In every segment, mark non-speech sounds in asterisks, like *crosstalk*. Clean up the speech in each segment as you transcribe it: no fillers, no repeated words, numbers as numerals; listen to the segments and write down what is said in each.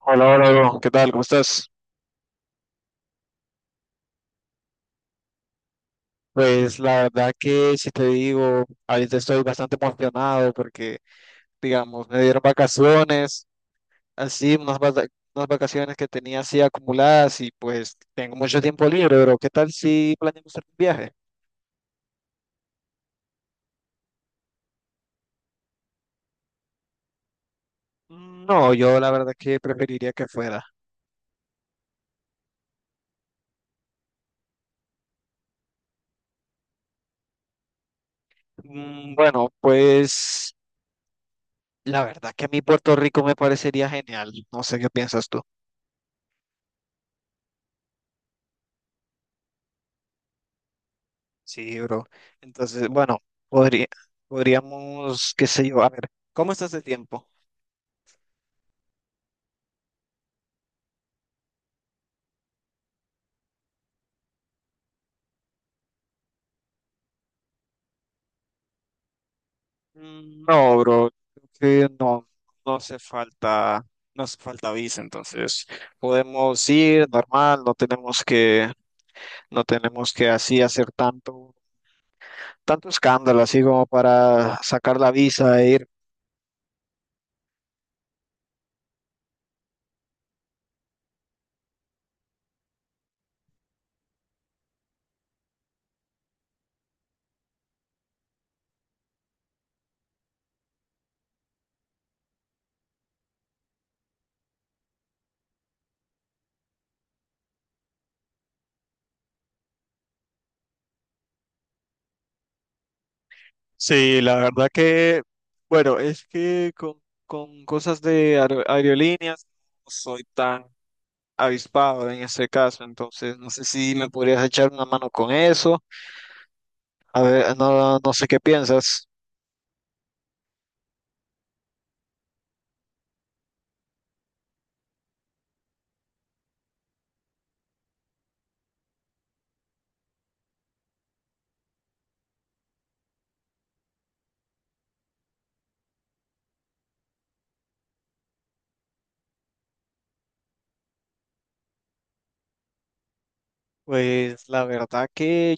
Hola, hola, bro. ¿Qué tal? ¿Cómo estás? Pues la verdad que si te digo, ahorita estoy bastante emocionado porque, digamos, me dieron vacaciones, así, unas, unas vacaciones que tenía así acumuladas y pues tengo mucho tiempo libre, bro. ¿Qué tal si planeamos hacer un viaje? No, yo la verdad que preferiría que fuera. Bueno, pues la verdad que a mí Puerto Rico me parecería genial. No sé qué piensas tú. Sí, bro. Entonces, bueno, podría, podríamos, qué sé yo, a ver, ¿cómo estás de tiempo? No, bro, creo que no, no hace falta, no hace falta visa, entonces podemos ir normal, no tenemos que así hacer tanto, tanto escándalo, así como para sacar la visa e ir. Sí, la verdad que, bueno, con cosas de aerolíneas no soy tan avispado en ese caso. Entonces, no sé si me podrías echar una mano con eso. A ver, no, no sé qué piensas. Pues la verdad que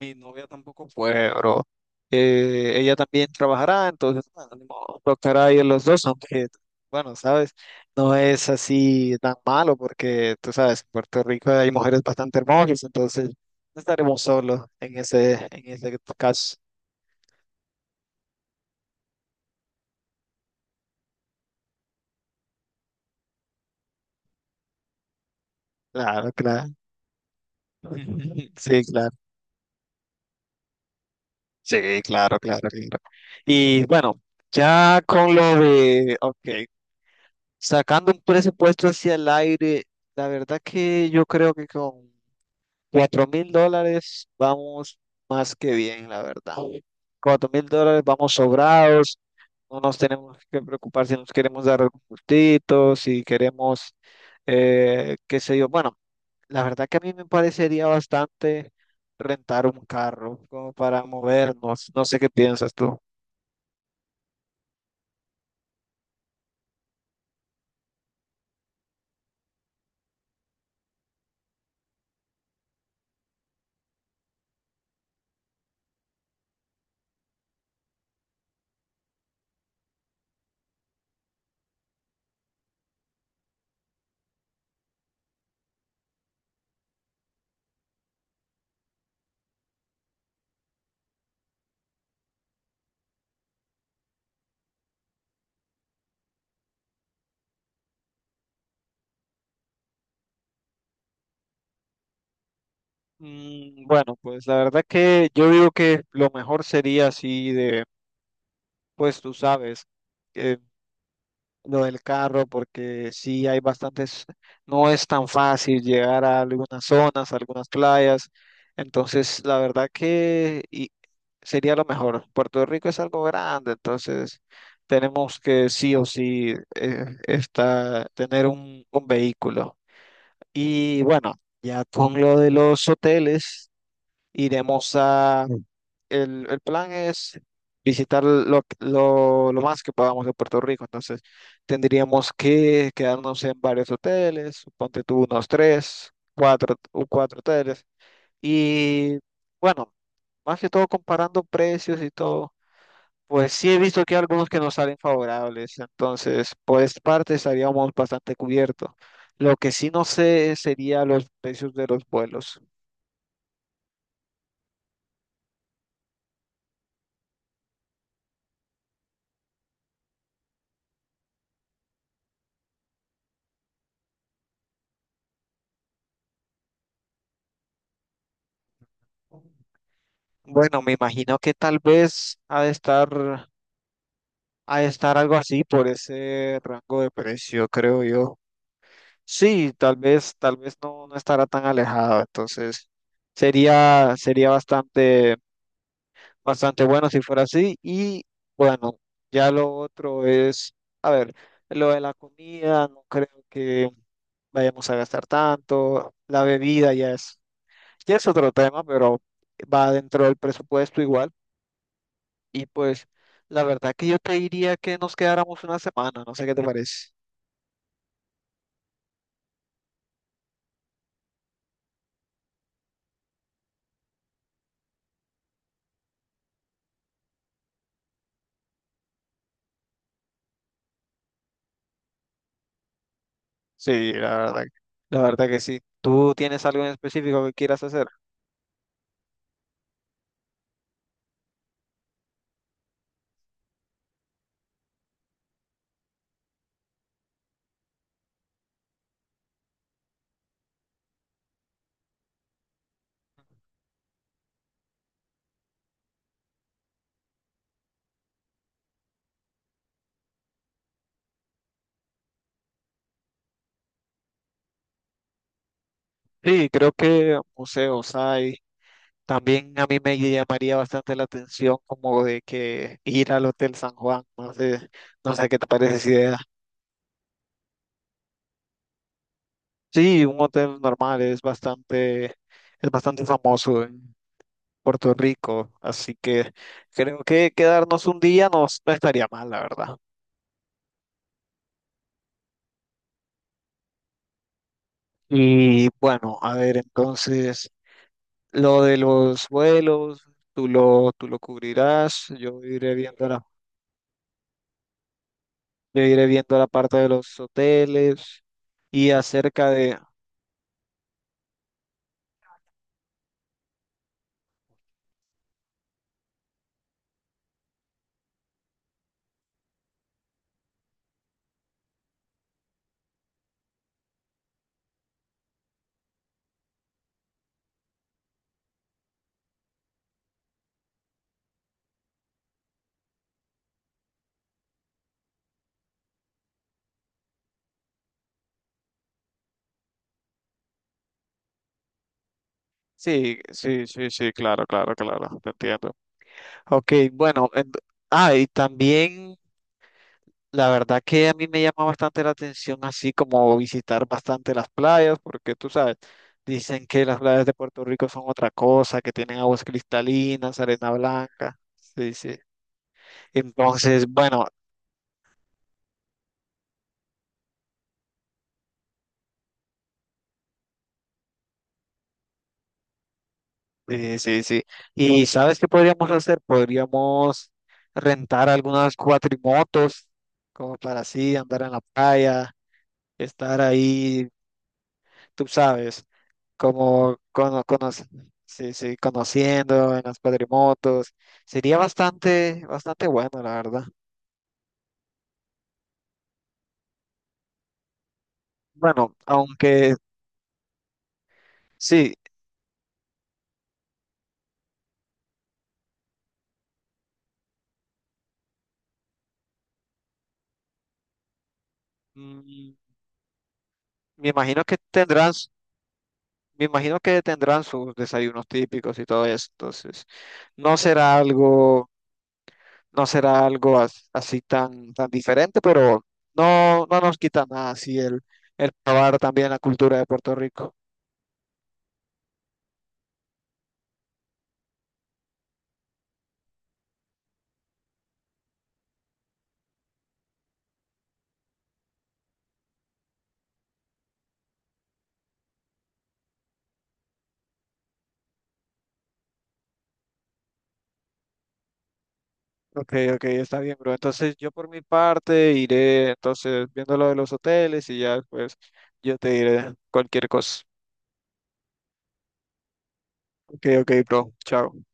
mi novia tampoco fue, bro. Ella también trabajará, entonces, bueno, ni modo, tocará ir los dos, aunque, bueno, sabes, no es así tan malo porque, tú sabes, en Puerto Rico hay mujeres bastante hermosas, entonces no estaremos solos en ese caso. Claro, claro. *laughs* Sí, claro. Sí, claro, claro, claro. Y bueno, ya con lo de, ok, sacando un presupuesto hacia el aire, la verdad que yo creo que con $4.000 vamos más que bien, la verdad. $4.000 vamos sobrados, no nos tenemos que preocupar si nos queremos dar algún gustito, si queremos, qué sé yo, bueno. La verdad que a mí me parecería bastante rentar un carro como para movernos. No sé qué piensas tú. Bueno, pues la verdad que yo digo que lo mejor sería así de, pues tú sabes. Lo del carro, porque sí hay bastantes, no es tan fácil llegar a algunas zonas, a algunas playas. Entonces, la verdad que sería lo mejor. Puerto Rico es algo grande, entonces tenemos que sí o sí tener un vehículo. Y bueno, ya con lo de los hoteles. Iremos a... el plan es visitar lo más que podamos de Puerto Rico. Entonces, tendríamos que quedarnos en varios hoteles, ponte tú unos tres, cuatro, cuatro hoteles. Y bueno, más que todo comparando precios y todo, pues sí he visto que hay algunos que nos salen favorables. Entonces, por esta parte estaríamos bastante cubiertos. Lo que sí no sé sería los precios de los vuelos. Bueno, me imagino que tal vez ha de estar algo así por ese rango de precio, creo yo. Sí, tal vez no, no estará tan alejado, entonces sería bastante, bastante bueno si fuera así. Y bueno, ya lo otro es, a ver, lo de la comida, no creo que vayamos a gastar tanto, la bebida ya es otro tema, pero va dentro del presupuesto igual. Y pues la verdad que yo te diría que nos quedáramos una semana, no sé qué te *laughs* parece. Sí, la verdad que sí. ¿Tú tienes algo en específico que quieras hacer? Sí, creo que museos hay. También a mí me llamaría bastante la atención como de que ir al Hotel San Juan, no sé, no sé qué te parece esa idea. Sí, un hotel normal es bastante famoso en Puerto Rico, así que creo que quedarnos un día no estaría mal, la verdad. Y bueno, a ver, entonces, lo de los vuelos, tú lo cubrirás, yo iré viendo la, yo iré viendo la parte de los hoteles y acerca de... Sí, sí, sí, sí, claro, claro, claro, te entiendo. Ok, bueno, ah, y también la verdad que a mí me llama bastante la atención así como visitar bastante las playas, porque tú sabes, dicen que las playas de Puerto Rico son otra cosa, que tienen aguas cristalinas, arena blanca. Sí, sí. Entonces, bueno, sí, sí. ¿Y sabes qué podríamos hacer? Podríamos rentar algunas cuatrimotos como para así andar en la playa, estar ahí, tú sabes. como cono- conoc- sí, sí, conociendo en las cuadrimotos. Sería bastante, bastante bueno, la verdad. Bueno, aunque sí, mm, me imagino que tendrán, me imagino que tendrán sus desayunos típicos y todo eso. Entonces, no será algo, no será algo así tan, tan diferente, pero no, no nos quita nada así el probar también la cultura de Puerto Rico. Ok, ok, está bien, bro. Entonces yo por mi parte iré entonces viendo lo de los hoteles y ya pues yo te diré cualquier cosa. Ok, ok, bro. Chao.